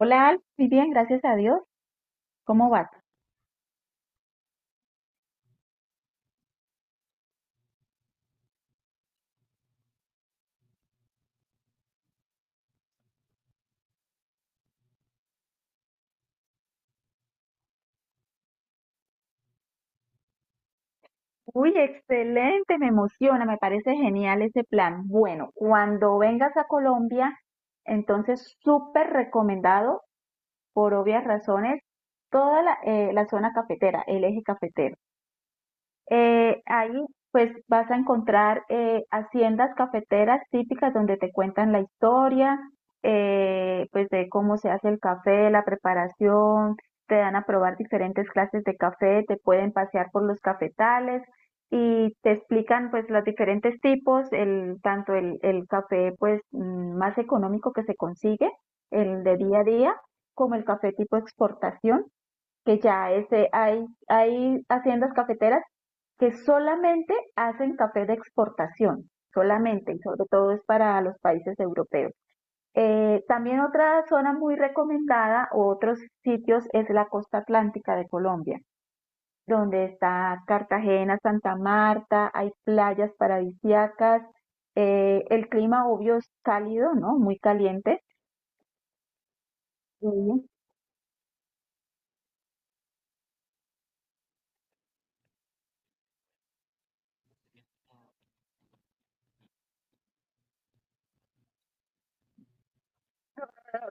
Hola, Alf, muy bien, gracias a Dios. ¿Cómo vas? Uy, excelente, me emociona, me parece genial ese plan. Bueno, cuando vengas a Colombia, entonces súper recomendado, por obvias razones, toda la zona cafetera, el eje cafetero. Ahí pues vas a encontrar haciendas cafeteras típicas donde te cuentan la historia, pues de cómo se hace el café, la preparación, te dan a probar diferentes clases de café, te pueden pasear por los cafetales y te explican pues los diferentes tipos, tanto el café pues más económico que se consigue, el de día a día, como el café tipo exportación que ya este, hay haciendas cafeteras que solamente hacen café de exportación, solamente, y sobre todo es para los países europeos. También otra zona muy recomendada, otros sitios, es la costa atlántica de Colombia, donde está Cartagena, Santa Marta, hay playas paradisíacas, el clima obvio es cálido, ¿no? Muy caliente, muy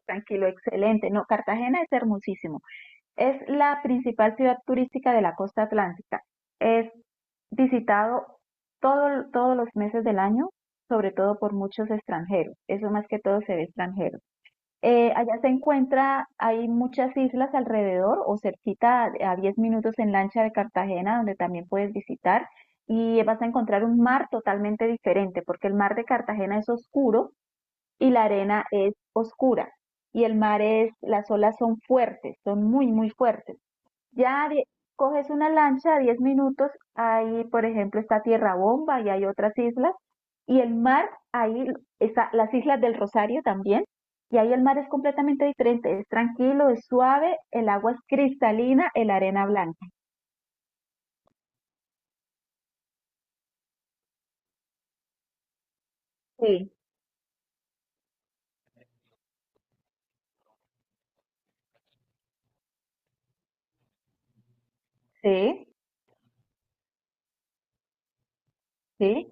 tranquilo, excelente. No, Cartagena es hermosísimo. Es la principal ciudad turística de la costa atlántica. Es visitado todos los meses del año, sobre todo por muchos extranjeros. Eso más que todo se ve extranjero. Allá se encuentra, hay muchas islas alrededor o cerquita a 10 minutos en lancha de Cartagena, donde también puedes visitar y vas a encontrar un mar totalmente diferente, porque el mar de Cartagena es oscuro y la arena es oscura. Y el mar es, las olas son fuertes, son muy, muy fuertes. Ya die- Coges una lancha, 10 minutos, ahí por ejemplo está Tierra Bomba y hay otras islas, y el mar, ahí está las Islas del Rosario también, y ahí el mar es completamente diferente, es tranquilo, es suave, el agua es cristalina, el arena blanca. Sí, sí, sí.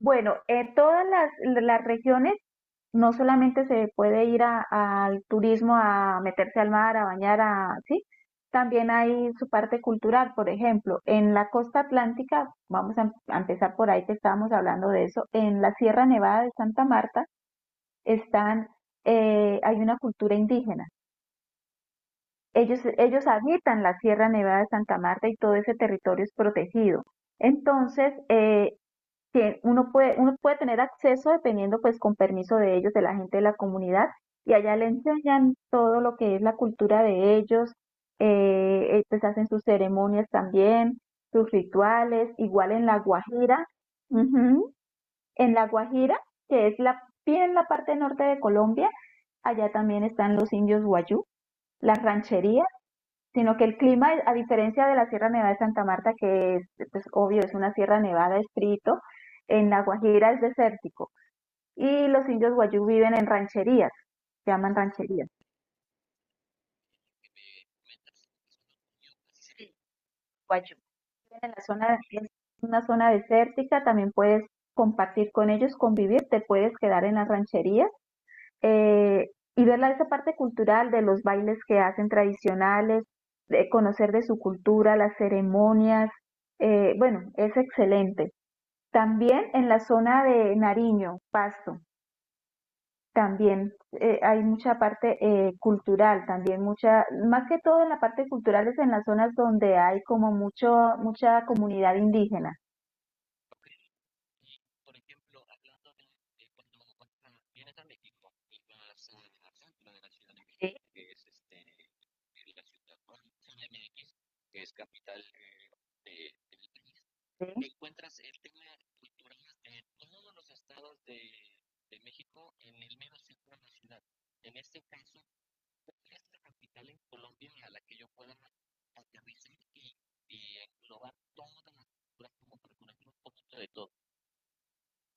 Bueno, las regiones no solamente se puede ir al turismo a meterse al mar, a bañar, a, sí, también hay su parte cultural, por ejemplo, en la costa atlántica, a empezar por ahí que estábamos hablando de eso, en la Sierra Nevada de Santa Marta están, hay una cultura indígena. Ellos habitan la Sierra Nevada de Santa Marta y todo ese territorio es protegido. Entonces, que uno puede tener acceso dependiendo pues con permiso de ellos, de la gente de la comunidad, y allá le enseñan todo lo que es la cultura de ellos, pues hacen sus ceremonias también, sus rituales, igual en La Guajira, ujú, en La Guajira, que es la, bien en la parte norte de Colombia, allá también están los indios Guayú, las rancherías, sino que el clima, a diferencia de la Sierra Nevada de Santa Marta, que es, pues, obvio, es una Sierra Nevada estrito, en La Guajira es desértico y los indios guayú viven en rancherías, se llaman rancherías. En la zona, es una zona desértica, también puedes compartir con ellos, convivir, te puedes quedar en las rancherías eh, y ver esa parte cultural de los bailes que hacen tradicionales, de conocer de su cultura, las ceremonias. Bueno, es excelente. También en la zona de Nariño, Pasto, también hay mucha parte cultural, también mucha, más que todo en la parte cultural es en las zonas donde hay como mucho, mucha comunidad indígena. Sí, sí.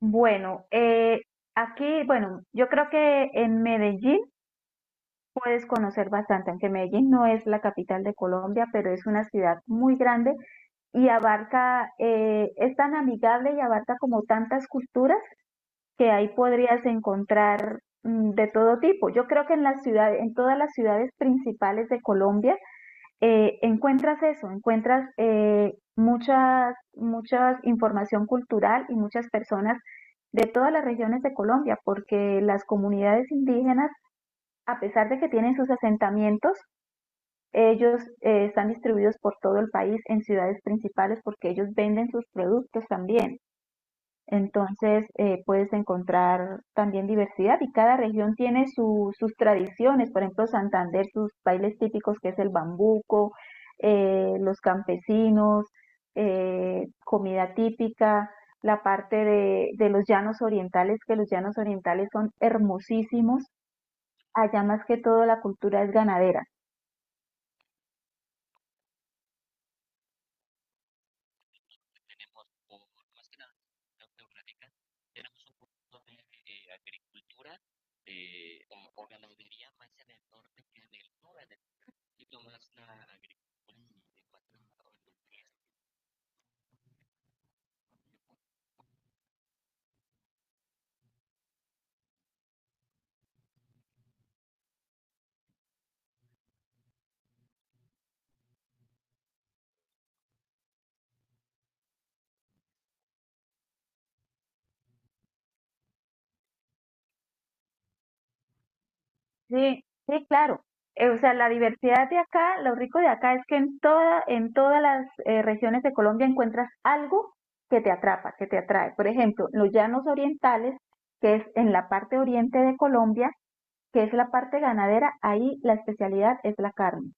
Bueno, aquí, bueno, yo creo que en Medellín puedes conocer bastante, aunque Medellín no es la capital de Colombia, pero es una ciudad muy grande y abarca, es tan amigable y abarca como tantas culturas que ahí podrías encontrar de todo tipo. Yo creo que en las ciudades, en todas las ciudades principales de Colombia, encuentras eso, encuentras muchas, muchas información cultural y muchas personas de todas las regiones de Colombia, porque las comunidades indígenas a pesar de que tienen sus asentamientos, ellos están distribuidos por todo el país en ciudades principales porque ellos venden sus productos también. Entonces puedes encontrar también diversidad y cada región tiene sus tradiciones. Por ejemplo, Santander, sus bailes típicos que es el bambuco, los campesinos, comida típica, la parte de los llanos orientales, que los llanos orientales son hermosísimos. Allá más que todo la cultura es ganadera. Sí, sí, claro. O sea, la diversidad de acá, lo rico de acá es que en todas las regiones de Colombia encuentras algo que te atrapa, que te atrae. Por ejemplo, los llanos orientales, que es en la parte oriente de Colombia, que es la parte ganadera, ahí la especialidad es la carne.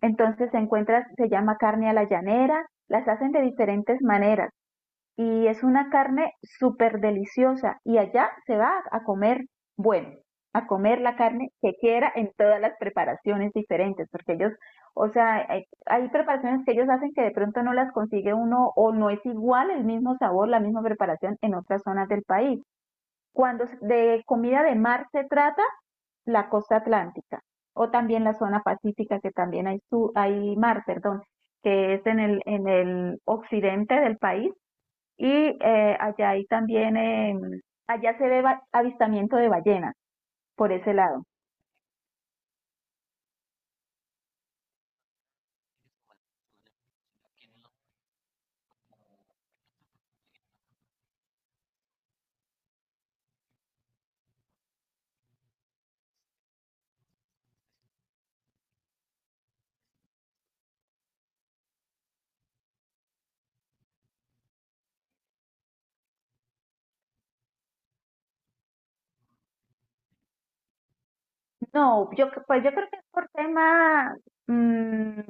Entonces se encuentra, se llama carne a la llanera, las hacen de diferentes maneras. Y es una carne súper deliciosa y allá se va a comer, bueno, a comer la carne que quiera en todas las preparaciones diferentes, porque ellos, o sea, hay preparaciones que ellos hacen que de pronto no las consigue uno o no es igual el mismo sabor, la misma preparación en otras zonas del país. Cuando de comida de mar se trata, la costa atlántica o también la zona pacífica, que también hay, su, hay mar, perdón, que es en en el occidente del país, y allá hay también, allá se ve avistamiento de ballenas por ese lado. No, pues yo creo que es por tema, mm,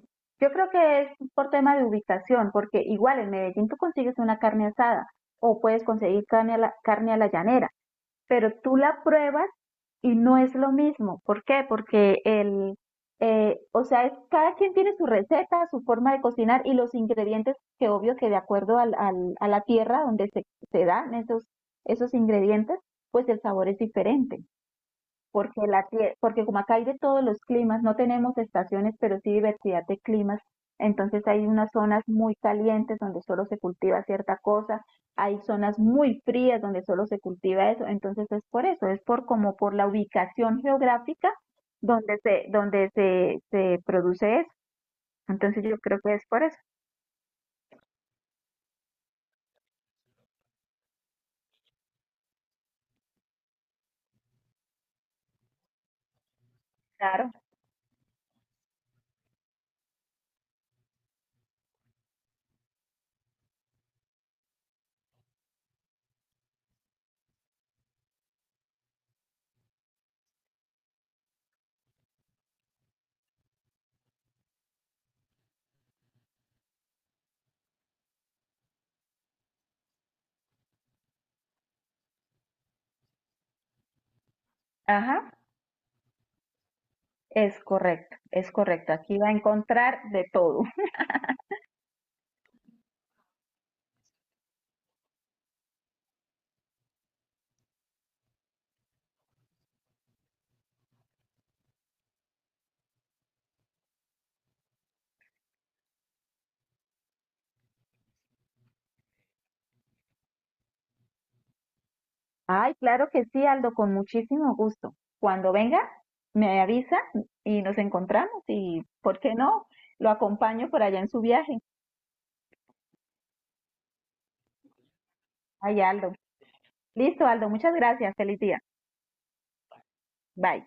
yo creo que es por tema de ubicación, porque igual en Medellín tú consigues una carne asada o puedes conseguir carne a la llanera. Pero tú la pruebas y no es lo mismo. ¿Por qué? Porque o sea, cada quien tiene su receta, su forma de cocinar y los ingredientes que obvio que de acuerdo a la tierra se dan esos ingredientes, pues el sabor es diferente porque, porque como acá hay de todos los climas, no tenemos estaciones, pero sí diversidad de climas, entonces hay unas zonas muy calientes donde solo se cultiva cierta cosa, hay zonas muy frías donde solo se cultiva eso, entonces es por eso, es por como por la ubicación geográfica donde se produce eso. Entonces yo creo que es por eso. Claro. Ajá, es correcto, es correcto. Aquí va a encontrar de todo. Ay, claro que sí, Aldo, con muchísimo gusto. Cuando venga, me avisa y nos encontramos y, ¿por qué no? Lo acompaño por allá en su viaje. Ay, Aldo. Listo, Aldo, muchas gracias. Feliz día. Bye.